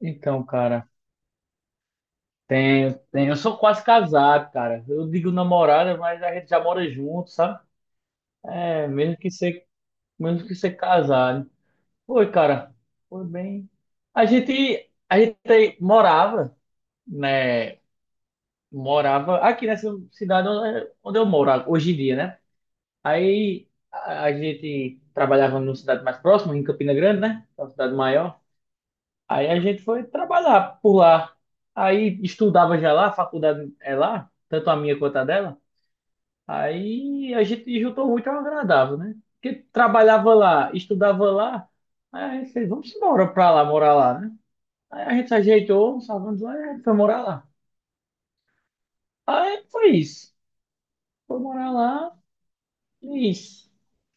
Então, cara, tenho, tenho. Eu sou quase casado, cara. Eu digo namorada, mas a gente já mora junto, sabe? É, mesmo que ser casado. Foi, cara. Foi bem. A gente morava, né? Morava aqui nessa cidade onde eu moro hoje em dia, né? Aí a gente trabalhava numa cidade mais próxima, em Campina Grande, né? Uma cidade maior. Aí a gente foi trabalhar por lá. Aí estudava já lá, a faculdade é lá, tanto a minha quanto a dela. Aí a gente juntou muito ao agradável, né? Porque trabalhava lá, estudava lá. Aí a gente fez, vamos embora pra lá, morar lá, né? Aí a gente se ajeitou, salvamos lá e a gente foi morar lá. Aí foi isso. Foi morar lá e isso.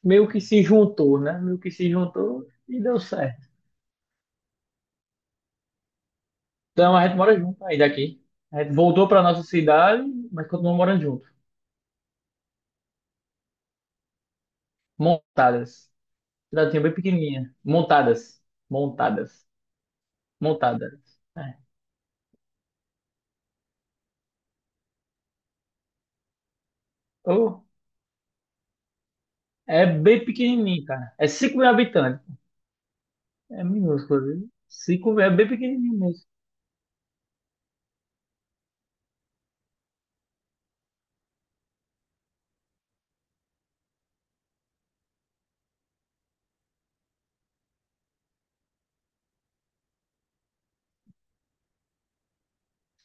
Meio que se juntou, né? Meio que se juntou e deu certo. Então a gente mora junto aí daqui. A gente voltou pra nossa cidade, mas continuamos morando junto. Montadas. Cidadinha bem pequenininha. Montadas. Montadas. Montadas. É, oh, é bem pequenininho, cara. É 5 mil habitantes. É minúsculo, viu? 5 mil, é bem pequenininho mesmo.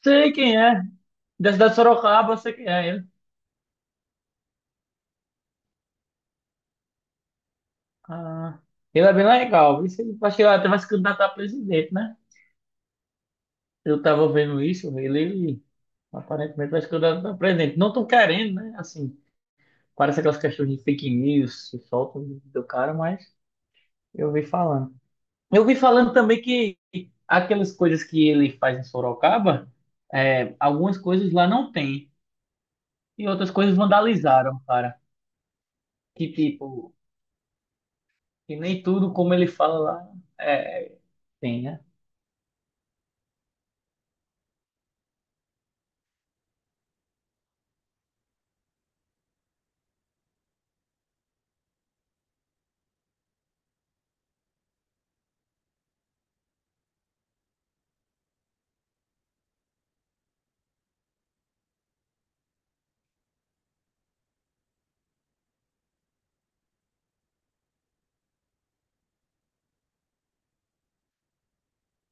Sei quem é. Da cidade de Sorocaba, eu sei quem é ele. Ah, ele é bem legal. Isso aí, acho que ele até vai se candidatar a presidente, né? Eu tava vendo isso, ele aparentemente vai se candidatar a presidente. Não tão querendo, né? Assim, parece aquelas questões de fake news que soltam do cara, mas eu vi falando. Eu vi falando também que aquelas coisas que ele faz em Sorocaba, é, algumas coisas lá não tem. E outras coisas vandalizaram, cara. Que tipo, que nem tudo como ele fala lá é, tem, né?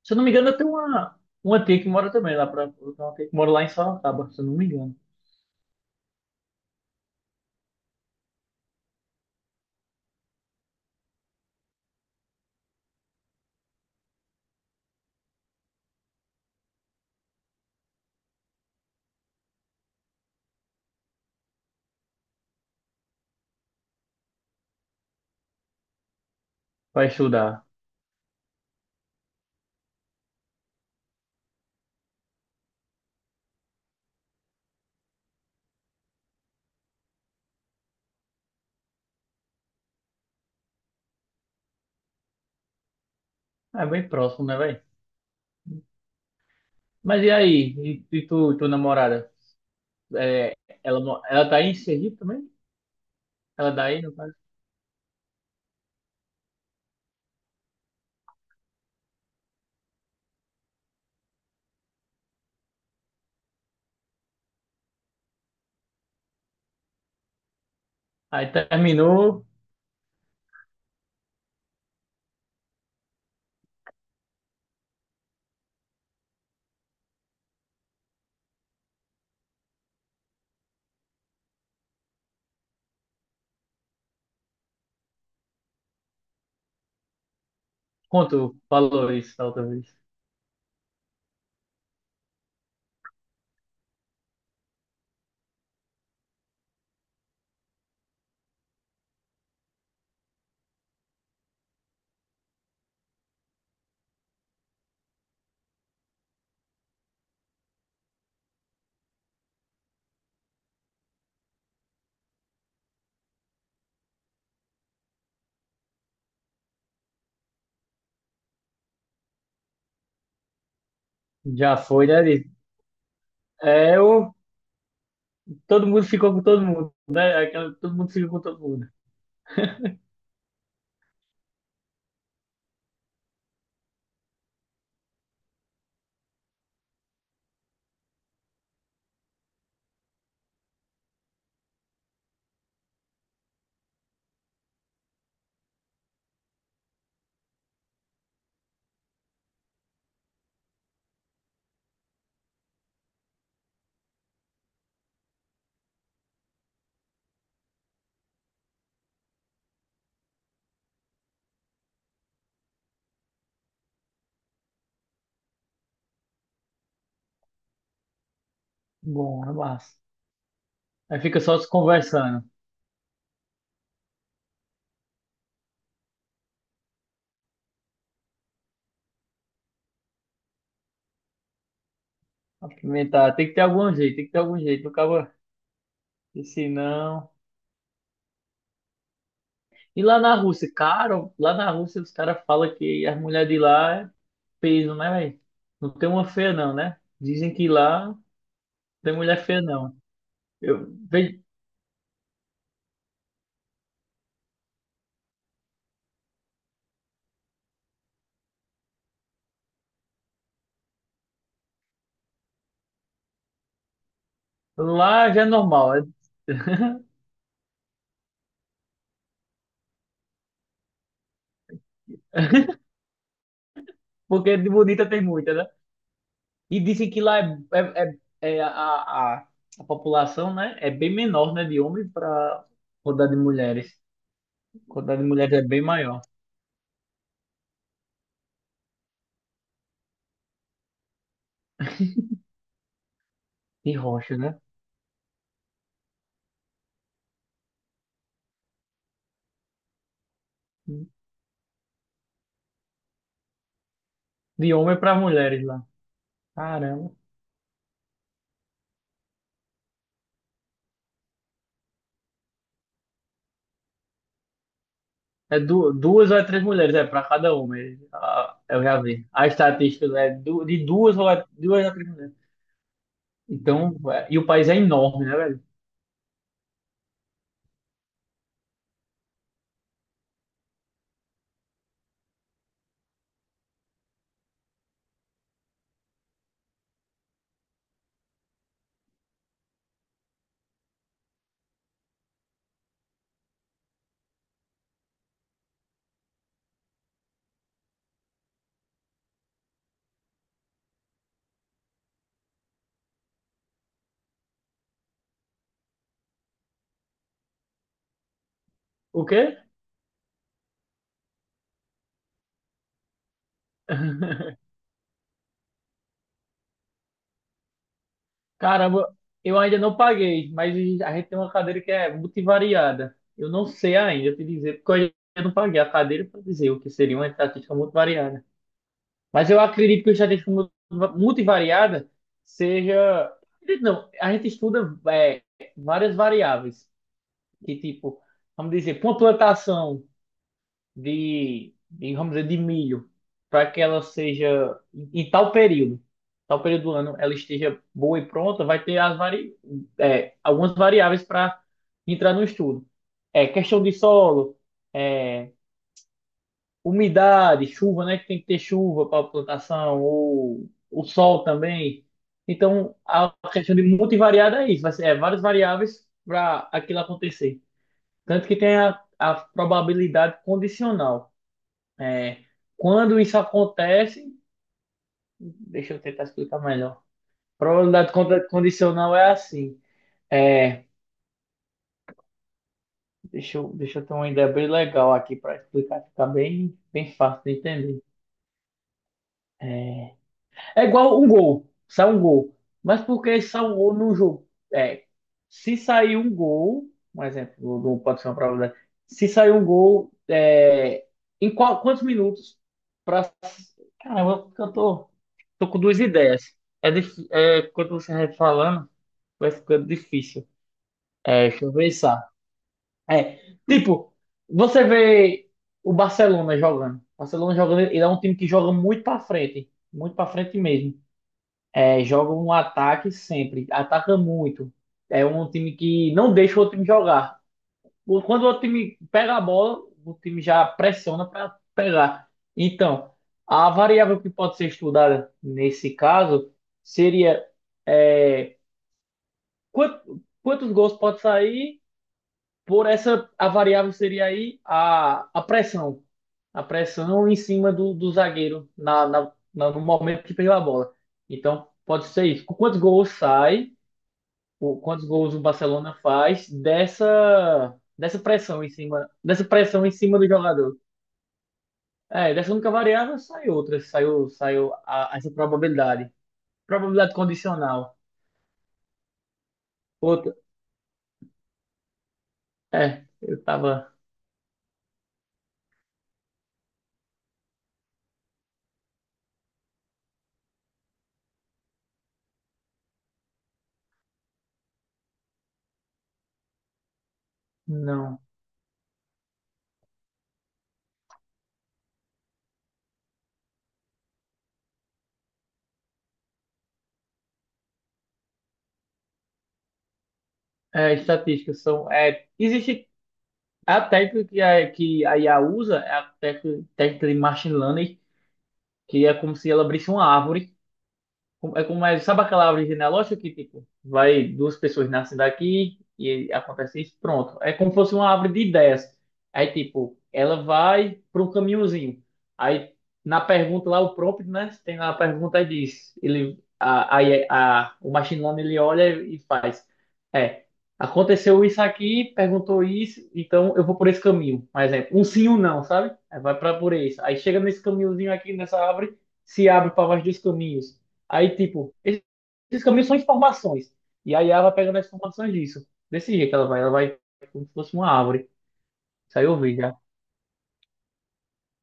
Se eu não me engano, eu tenho uma tia que mora também lá pra, eu tenho uma tia que mora lá em Sorocaba, se eu não me engano. Vai estudar. Ah, é bem próximo, né, velho? Mas e aí? E tua namorada? É, ela tá aí em Sergipe também? Ela daí, no caso? Aí terminou. Conto falou isso da outra vez. Já foi, né? Liz? É, eu, todo mundo ficou com todo mundo, né? Todo mundo ficou com todo mundo. Bom, é massa. Aí fica só se conversando. Apimentar. Tem que ter algum jeito, tem que ter algum jeito. Não acaba, e se não. E lá na Rússia, cara, lá na Rússia os caras falam que as mulheres de lá é peso, né, velho? Não tem uma feia, não, né? Dizem que lá não tem mulher feia, não. Eu, vejo- Lá já é normal. Porque de bonita tem muita, né? E dizem que lá é, é- é a população, né? É bem menor, né? De homens para quantidade de mulheres. A quantidade de mulheres é bem maior. De rocha, né? De homem para mulheres lá. Caramba. É du duas ou é três mulheres, é para cada homem. Ah, eu já vi. A estatística é du de duas ou é, duas a três mulheres. Então, e o país é enorme, né, velho? O quê? Caramba, eu ainda não paguei, mas a gente tem uma cadeira que é multivariada. Eu não sei ainda te dizer, porque eu ainda não paguei a cadeira para dizer o que seria uma estatística multivariada. Mas eu acredito que a estatística multivariada seja. Acredito. Não, a gente estuda é, várias variáveis, que tipo, vamos dizer, pontuação de, vamos dizer, de milho, para que ela seja, em tal período do ano, ela esteja boa e pronta, vai ter algumas variáveis para entrar no estudo. É questão de solo, é, umidade, chuva, né? Que tem que ter chuva para a plantação, ou o sol também. Então, a questão de multivariada é isso, vai ser é, várias variáveis para aquilo acontecer. Tanto que tem a probabilidade condicional. É, quando isso acontece, deixa eu tentar explicar melhor. Probabilidade condicional é assim. É, deixa eu ter uma ideia bem legal aqui para explicar, ficar bem, bem fácil de entender. É, É igual um gol. Sai um gol. Mas por que sai um gol num jogo? Se sair um gol, um exemplo, não pode ser uma probabilidade. Se sair um gol, é, em quantos minutos? Para Caramba, porque eu tô com duas ideias. Quando você vai falando, vai ficando difícil. É, deixa eu pensar. É, tipo, você vê o Barcelona jogando. O Barcelona jogando, ele é um time que joga muito pra frente. Muito pra frente mesmo. É, joga um ataque sempre, ataca muito. É um time que não deixa o outro time jogar. Quando o outro time pega a bola, o time já pressiona para pegar. Então, a variável que pode ser estudada nesse caso seria é, quant- quantos gols pode sair por essa a variável seria aí a pressão, a pressão, em cima do zagueiro no momento que pegou a bola. Então, pode ser isso. Quantos gols sai? Quantos gols o Barcelona faz dessa pressão em cima do jogador. É, dessa única variável sai outra, saiu essa probabilidade condicional. Outra, é, eu tava não, é estatísticas são é existe a técnica que a IA usa é a técnica de machine learning que é como se ela abrisse uma árvore É como é, sabe aquela árvore genealógica que, tipo, vai duas pessoas nascem daqui e acontece isso, pronto. É como se fosse uma árvore de ideias. Aí, tipo, ela vai para um caminhozinho. Aí, na pergunta lá, o prompt, né? Tem lá a pergunta e diz, ele, a, aí a, o machine learning, ele olha e faz. É, aconteceu isso aqui, perguntou isso, então eu vou por esse caminho. Um exemplo, um sim ou não, sabe? Aí vai para por isso. Aí chega nesse caminhozinho aqui, nessa árvore, se abre para mais dois caminhos. Aí, tipo, esses caminhos são informações. E aí ela vai pegando as informações disso. Desse jeito ela vai, como se fosse uma árvore. Isso aí eu vi já.